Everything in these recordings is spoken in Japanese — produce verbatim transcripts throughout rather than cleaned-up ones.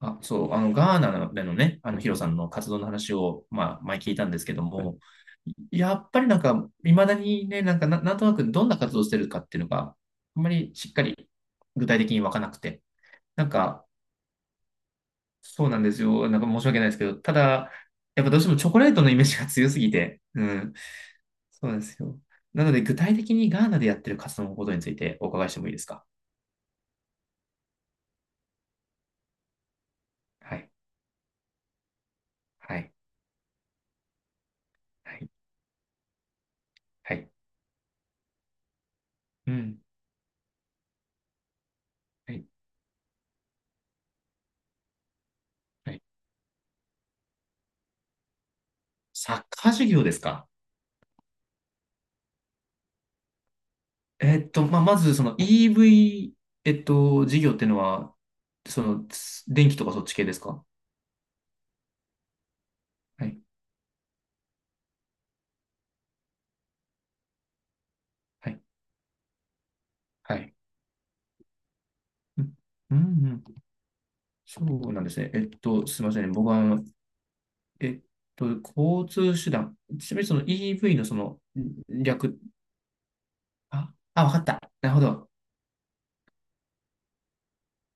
あ、そう、あの、ガーナでのね、あの、ヒロさんの活動の話を、まあ、前聞いたんですけど、はいも、やっぱりなんか、いまだにね、なんかな、なんとなくどんな活動してるかっていうのが、あんまりしっかり具体的にわかなくて、なんか、そうなんですよ。なんか申し訳ないですけど、ただ、やっぱどうしてもチョコレートのイメージが強すぎて、うん、そうなんですよ。なので、具体的にガーナでやってる活動のことについてお伺いしてもいいですか？はい、はい、はい、はい、うん、はい、はい。サッカー授業ですか？えっと、まあ、まず、その イーブイ、えっと、事業っていうのは、その、つ電気とかそっち系ですか？はい、はい、はい。うん、うん、うん。そうなんですね。えっと、すみませんね。僕は、あのえっと、交通手段。ちなみにその イーブイ のその、略、あ、あ、わかった。なるほど。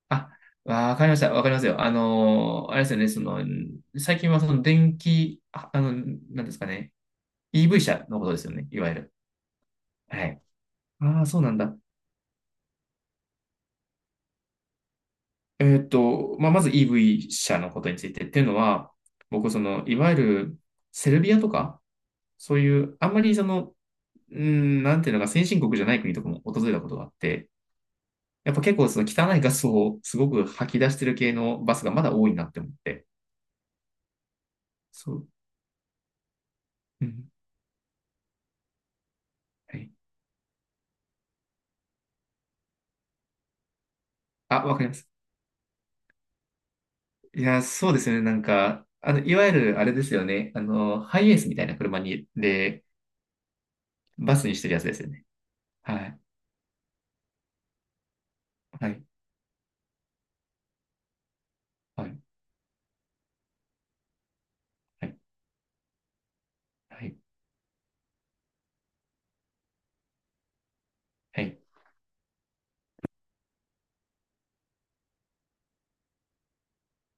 あ、わかりました。わかりますよ。あのーあれですよね。その、うん、最近はその電気、あ、あの、なんですかね。イーブイ 車のことですよね、いわゆる。はい。ああ、そうなんだ。えーっと、まあ、まず イーブイ 車のことについてっていうのは、僕、その、いわゆるセルビアとか、そういう、あんまりその、うん、なんていうのか、先進国じゃない国とかも訪れたことがあって、やっぱ結構その汚いガスをすごく吐き出してる系のバスがまだ多いなって思って。そう。うん。はい。あ、わかります。いや、そうですよね。なんか、あの、いわゆるあれですよね。あの、ハイエースみたいな車に、で、バスにしてるやつですよね。はい。はい。はい。はい。はい。はい。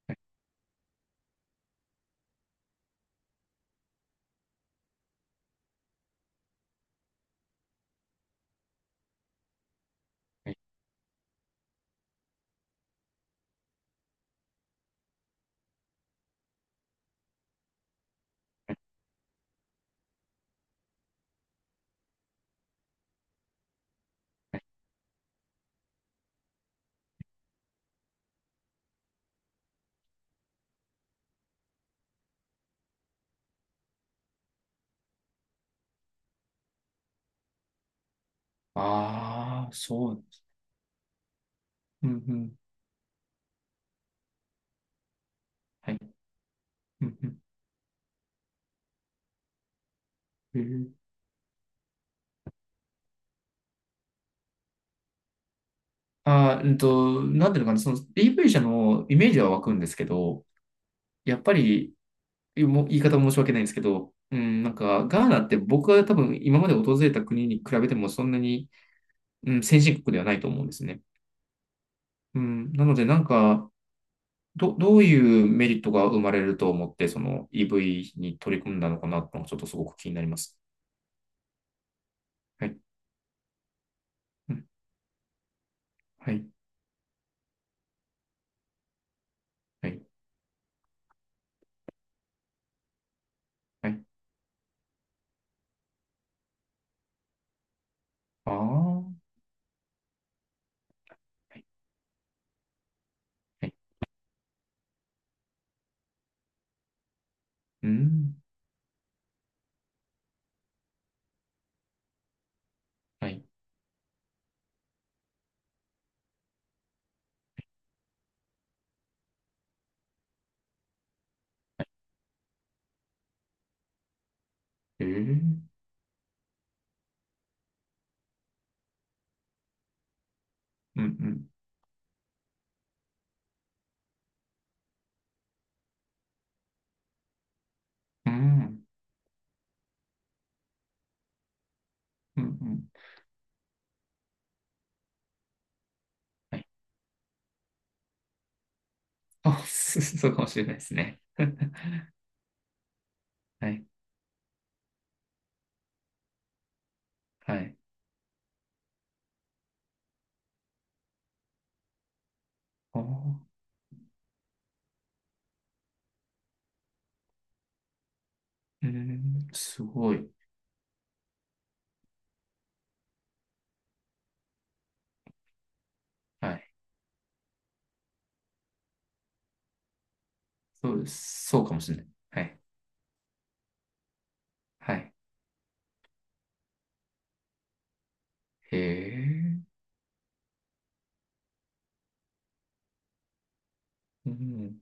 はい。ああ、そう。うん、うん。はい。うん、うん。へえ。あー、うんと、なんていうのかな、その イーブイ 車のイメージは湧くんですけど、やっぱり、もう言い方申し訳ないんですけど、うん、なんか、ガーナって僕は多分今まで訪れた国に比べてもそんなに、うん、先進国ではないと思うんですね。うん、なので、なんか、ど、どういうメリットが生まれると思って、その イーブイ に取り組んだのかなとちょっとすごく気になります。はい。うん、はい。はい。はい。ああ。はい。はい。うん。はい。ええ。うん、うん。うん。うん、うん。はい。あ、す そうかもしれないですね。はい。はい。あー。ええ。すごい。はい。そうです。そうかもしれない。はい。はい。へえ。うん。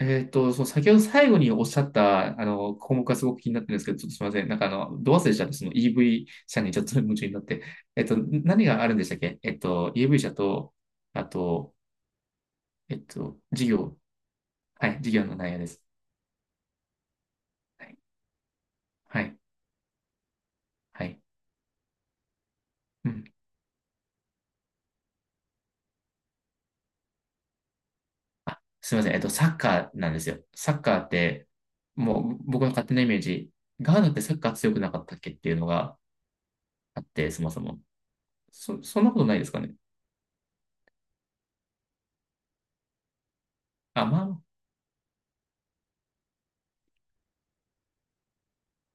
えっと、そう、先ほど最後におっしゃった、あの、項目がすごく気になってるんですけど、ちょっとすみません。なんかあの、ど忘れしちゃって、その イーブイ 車にちょっと夢中になって。えっと、何があるんでしたっけ？えっと、イーブイ 車と、あと、えっと、事業。はい、授業の内容です。はい、はい、はい。うん。あ、すみません。えっと、サッカーなんですよ。サッカーって、もう僕の勝手なイメージ、ガーナってサッカー強くなかったっけっていうのがあって、そもそも。そ、そんなことないですかね。あ、まあ、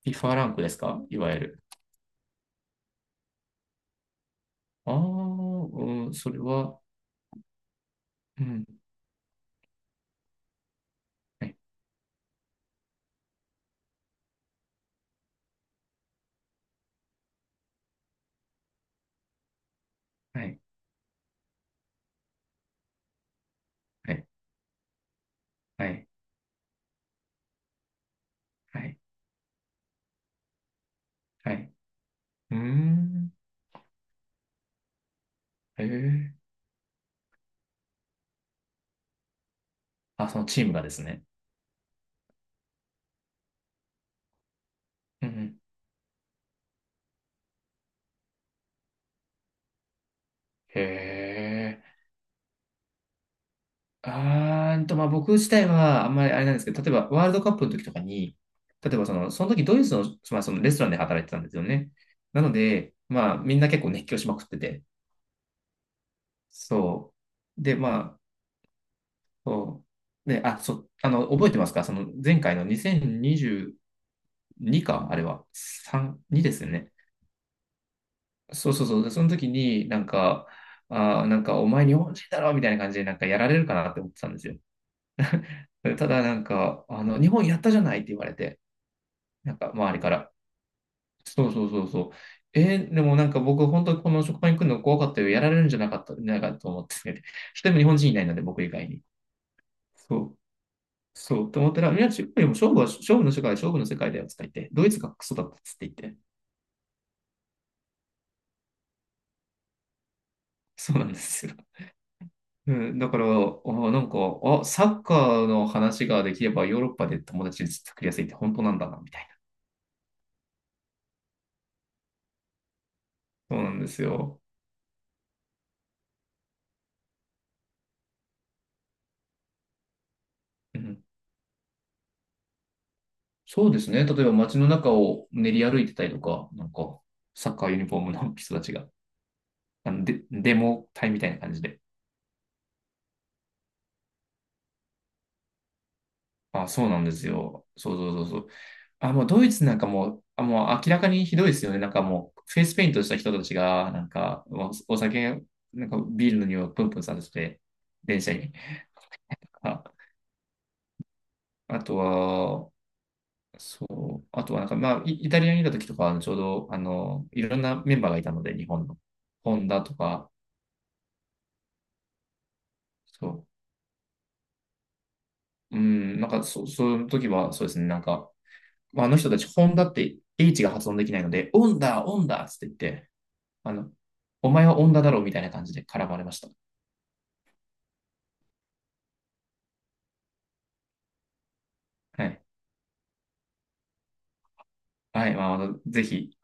フィファ ランクですか、いわゆる。ああ、うん、それは、うん。はい、はい、はい、はい、はい、はい。うーん。へえ。あ、そのチームがですね。うん。へえ。あーんと、まあ、僕自体はあんまりあれなんですけど、例えばワールドカップの時とかに、例えばその、その時ドイツの、まあ、そのレストランで働いてたんですよね。なので、まあみんな結構熱狂しまくってて、そう。で、まあ、そう。で、あ、そう、あの、覚えてますか、その前回のにせんにじゅうにか、あれは。さん、にですよね。そうそうそう。でその時になんか、あー、なんかお前日本人だろみたいな感じでなんかやられるかなって思ってたんですよ。ただなんか、あの、日本やったじゃないって言われて、なんか周りから。そうそうそうそう。えー、でもなんか僕本当にこの職場に来るの怖かったよ。やられるんじゃなかった、なんかと思ってて。一人も日本人いないので、僕以外に。そう。そう。と思ったら、いや、中国よりも勝負は、勝負の世界、勝負の世界だよ、つって言って、ドイツがクソだったっつって言って。そうなんですよ。うん、だから、あ、なんか、あ、サッカーの話ができればヨーロッパで友達作りやすいって本当なんだな、みたいな。そうなんですよ。うん、そうですね。例えば街の中を練り歩いてたりとか、なんか、サッカーユニフォームの人たちが、あのデ、デモ隊みたいな感じで。あ、そうなんですよ。そうそうそうそう。あ、もうドイツなんかもう、あ、もう明らかにひどいですよね。なんかもう、フェイスペイントした人たちが、なんか、お、お酒、なんかビールの匂いをプンプンさせて、電車に。あ、あとは、そう、あとはなんか、まあ、イ、イタリアにいた時とか、あのちょうど、あの、いろんなメンバーがいたので、日本の。ホンダとか、そう、うん、なんかそ、そういう時は、そうですね、なんか、まあ、あの人たち、ホンダって H が発音できないので、オンダ、オンダっつって言って、あの、お前はオンダだろうみたいな感じで絡まれました。はい。はい、まあ、ぜひ。